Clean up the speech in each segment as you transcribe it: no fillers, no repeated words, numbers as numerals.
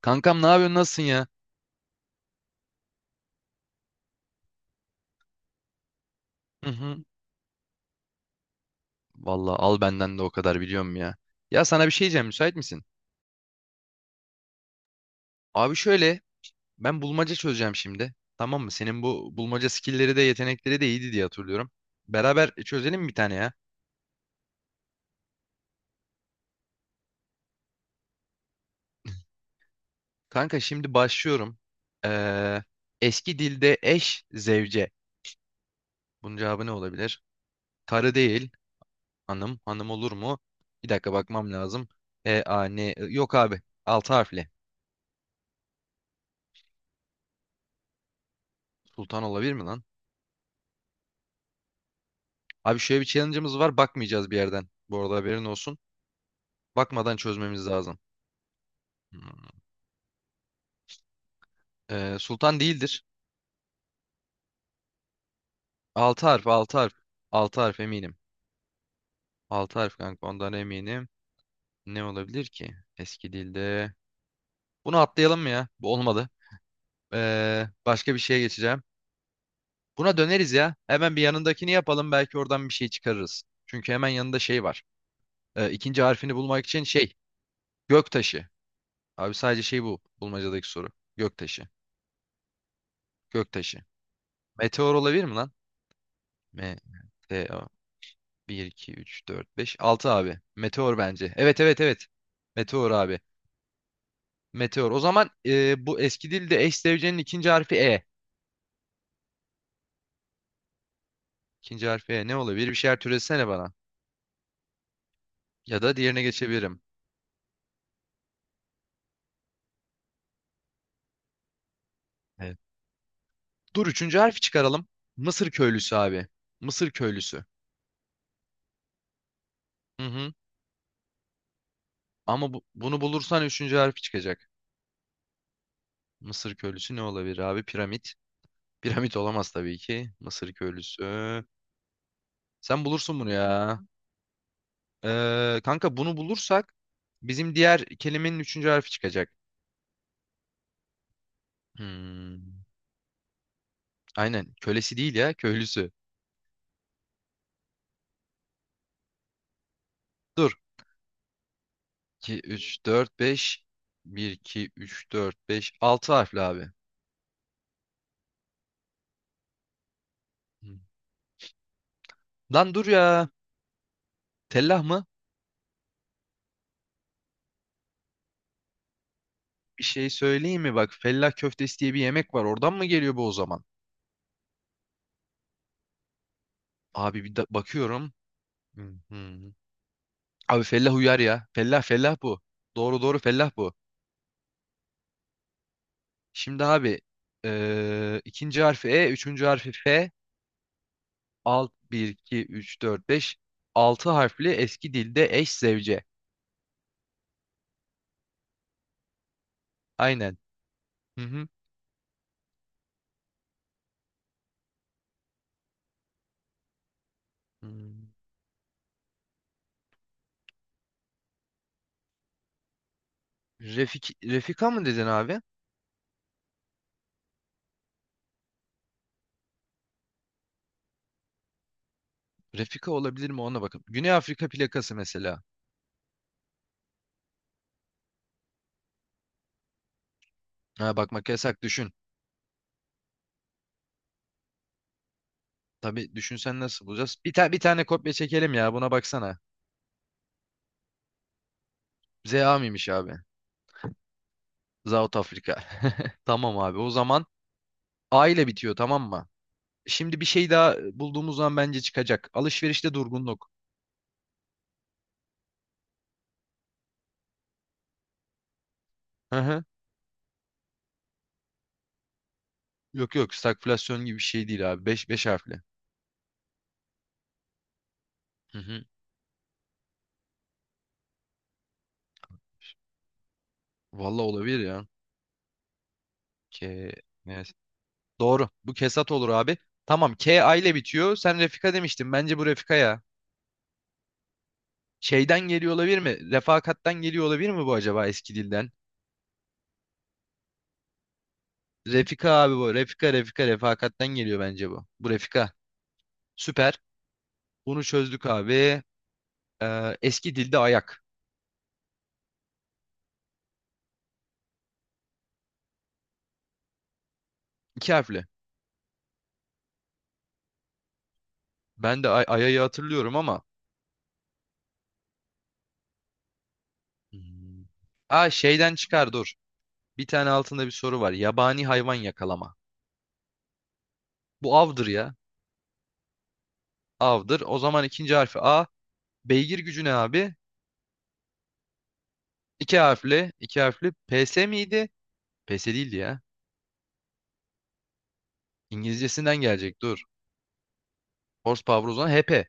Kankam ne yapıyorsun, nasılsın ya? Hı hı. Vallahi al benden de o kadar, biliyorum ya. Ya sana bir şey diyeceğim, müsait misin? Abi şöyle, ben bulmaca çözeceğim şimdi. Tamam mı? Senin bu bulmaca skillleri de yetenekleri de iyiydi diye hatırlıyorum. Beraber çözelim mi bir tane ya? Kanka şimdi başlıyorum. Ee, eski dilde eş zevce. Bunun cevabı ne olabilir? Karı değil. Hanım. Hanım olur mu? Bir dakika bakmam lazım. E, a, ne? Yok abi. Altı harfli. Sultan olabilir mi lan? Abi şöyle bir challenge'ımız var. Bakmayacağız bir yerden. Bu arada haberin olsun. Bakmadan çözmemiz lazım. Hmm. Sultan değildir. Altı harf, altı harf. Altı harf eminim. Altı harf kanka, ondan eminim. Ne olabilir ki? Eski dilde. Bunu atlayalım mı ya? Bu olmadı. Başka bir şeye geçeceğim. Buna döneriz ya. Hemen bir yanındakini yapalım. Belki oradan bir şey çıkarırız. Çünkü hemen yanında şey var. İkinci harfini bulmak için şey. Göktaşı. Abi sadece şey bu. Bulmacadaki soru. Göktaşı. Göktaşı. Meteor olabilir mi lan? DA 1, 2, 3, 4, 5, 6 abi. Meteor bence. Evet, evet, evet. Meteor abi. Meteor. O zaman bu eski dilde eş zevcenin ikinci harfi E. İkinci harfi E, ne olabilir? Bir şeyler türesene bana. Ya da diğerine geçebilirim. Evet. Dur, üçüncü harfi çıkaralım. Mısır köylüsü abi. Mısır köylüsü. Hı hı. Ama bunu bulursan üçüncü harfi çıkacak. Mısır köylüsü ne olabilir abi? Piramit. Piramit olamaz tabii ki. Mısır köylüsü. Sen bulursun bunu ya. Kanka, bunu bulursak bizim diğer kelimenin üçüncü harfi çıkacak. Hmm, aynen. Kölesi değil ya. Köylüsü. Dur. 2, üç dört beş bir iki üç dört beş altı harfli abi. Hmm. Lan dur ya. Tellah mı? Bir şey söyleyeyim mi? Bak, fellah köftesi diye bir yemek var. Oradan mı geliyor bu o zaman? Abi bir bakıyorum. Hmm, hmm. Abi fellah uyar ya. Fellah, fellah bu. Doğru, doğru, fellah bu. Şimdi abi, ikinci harfi E, üçüncü harfi F. Bir 2 3 4 5 6 harfli, eski dilde eş zevce. Aynen. Hı hı. Hmm. Refik, Refika mı dedin abi? Refika olabilir mi, ona bakın. Güney Afrika plakası mesela. Ha, bakmak yasak düşün. Tabii, düşünsen nasıl bulacağız? Bir tane, bir tane kopya çekelim ya, buna baksana. ZA mıymış abi? South Afrika. Tamam abi, o zaman A ile bitiyor, tamam mı? Şimdi bir şey daha bulduğumuz zaman bence çıkacak. Alışverişte durgunluk. Hı hı. Yok, yok, stagflasyon gibi bir şey değil abi. Beş, 5 harfli. Hı hı. Valla olabilir ya. K. Evet. Doğru. Bu Kesat olur abi. Tamam. K A ile bitiyor. Sen Refika demiştin. Bence bu Refika ya. Şeyden geliyor olabilir mi? Refakattan geliyor olabilir mi bu, acaba eski dilden? Refika abi bu. Refika, Refika, refakattan geliyor bence bu. Bu Refika. Süper. Bunu çözdük abi. Eski dilde ayak. İki harfli. Ben de ay, ayayı hatırlıyorum ama. Hmm. Aa, şeyden çıkar dur. Bir tane altında bir soru var. Yabani hayvan yakalama. Bu avdır ya. Av'dır. O zaman ikinci harfi A. Beygir gücü ne abi? İki harfli, iki harfli. PS miydi? PS değildi ya. İngilizcesinden gelecek dur. Horsepower, o zaman HP.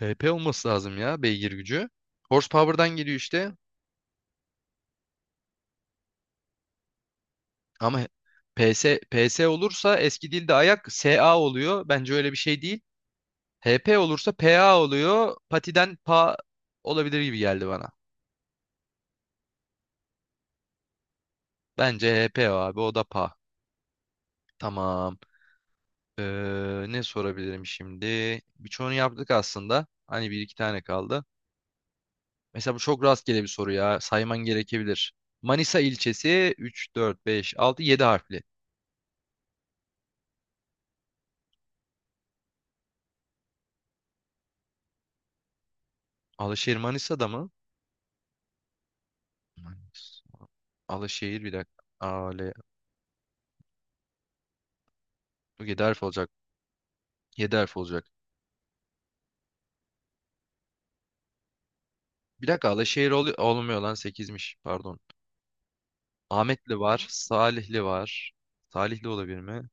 HP olması lazım ya beygir gücü. Horsepower'dan geliyor işte. Ama PS, PS olursa eski dilde ayak SA oluyor. Bence öyle bir şey değil. HP olursa PA oluyor. Patiden pa olabilir gibi geldi bana. Bence HP o abi, o da pa. Tamam. Ne sorabilirim şimdi? Birçoğunu yaptık aslında. Hani bir iki tane kaldı. Mesela bu çok rastgele bir soru ya. Sayman gerekebilir. Manisa ilçesi, 3, 4, 5, 6, 7 harfli. Alaşehir Manisa'da mı? Manisa. Alaşehir, bir dakika. Ale. 7 harf olacak. 7 harf olacak. Bir dakika, Alaşehir olmuyor, lan 8'miş pardon. Ahmetli var. Salihli var. Salihli olabilir mi?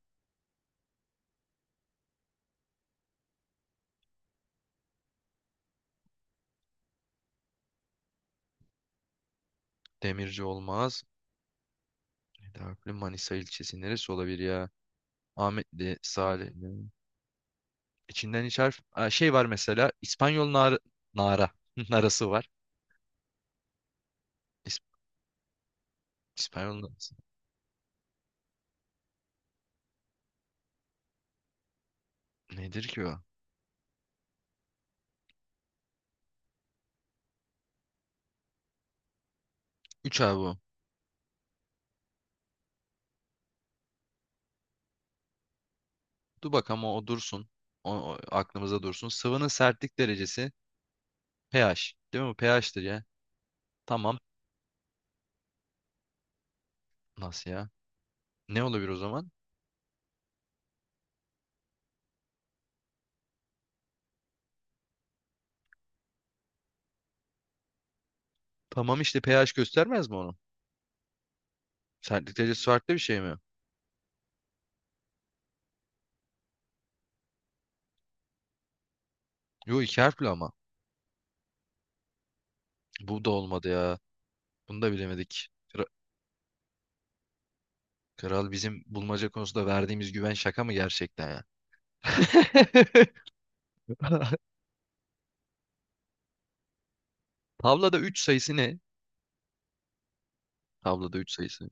Demirci olmaz. 7 harfli Manisa ilçesi neresi olabilir ya? Ahmetli, Salihli. İçinden hiç harf... Aa, şey var mesela, İspanyol nara narası var. İs- İspanyol narası. Nedir ki o? Üç abi o. Dur bak, ama o dursun. O aklımıza dursun. Sıvının sertlik derecesi pH. Değil mi bu? pH'tir ya. Tamam. Nasıl ya? Ne olabilir o zaman? Tamam işte, pH göstermez mi onu? Sertlik derecesi farklı bir şey mi? Yo, iki harfli ama. Bu da olmadı ya. Bunu da bilemedik. Kral, bizim bulmaca konusunda verdiğimiz güven şaka mı gerçekten ya? Tavlada 3 sayısı ne? Tavlada 3 sayısı.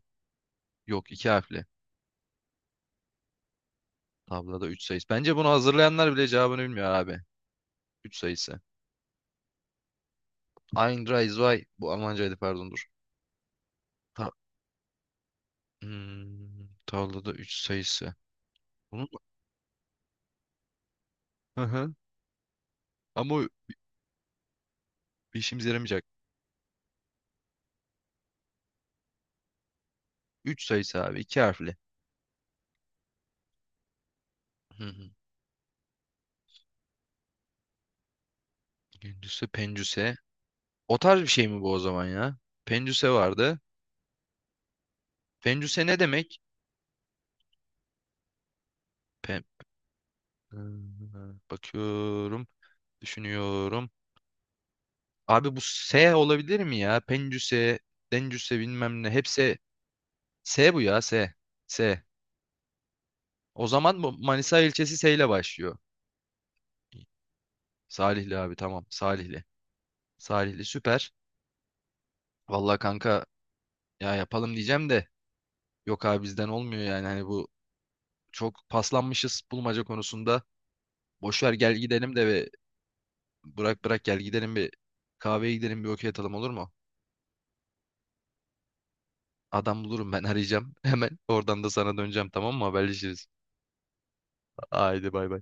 Yok, 2 harfli. Tavlada 3 sayısı. Bence bunu hazırlayanlar bile cevabını bilmiyor abi. 3 sayısı. Ein, drei, zwei. Bu Almancaydı, pardon dur. Ta hmm, tavlada 3 sayısı. Bunu... Hı hı. Ama o işimize yaramayacak. 3 sayısı abi, iki harfli. Hı hı. Gündüzse pencüse. O tarz bir şey mi bu o zaman ya? Pencüse vardı. Pencüse ne demek? Pen... Ee, bakıyorum. Düşünüyorum. Abi bu S olabilir mi ya? Pencüse, Dencüse, bilmem ne. Hepsi S, bu ya, S. S. O zaman bu Manisa ilçesi S ile başlıyor. Salihli abi, tamam. Salihli. Salihli, süper. Vallahi kanka, ya yapalım diyeceğim de yok abi, bizden olmuyor yani. Hani bu, çok paslanmışız bulmaca konusunda. Boş ver gel gidelim de, ve bırak gel gidelim, bir kahveye gidelim, bir okey atalım olur mu? Adam bulurum, ben arayacağım hemen. Oradan da sana döneceğim tamam mı? Haberleşiriz. Haydi bay bay.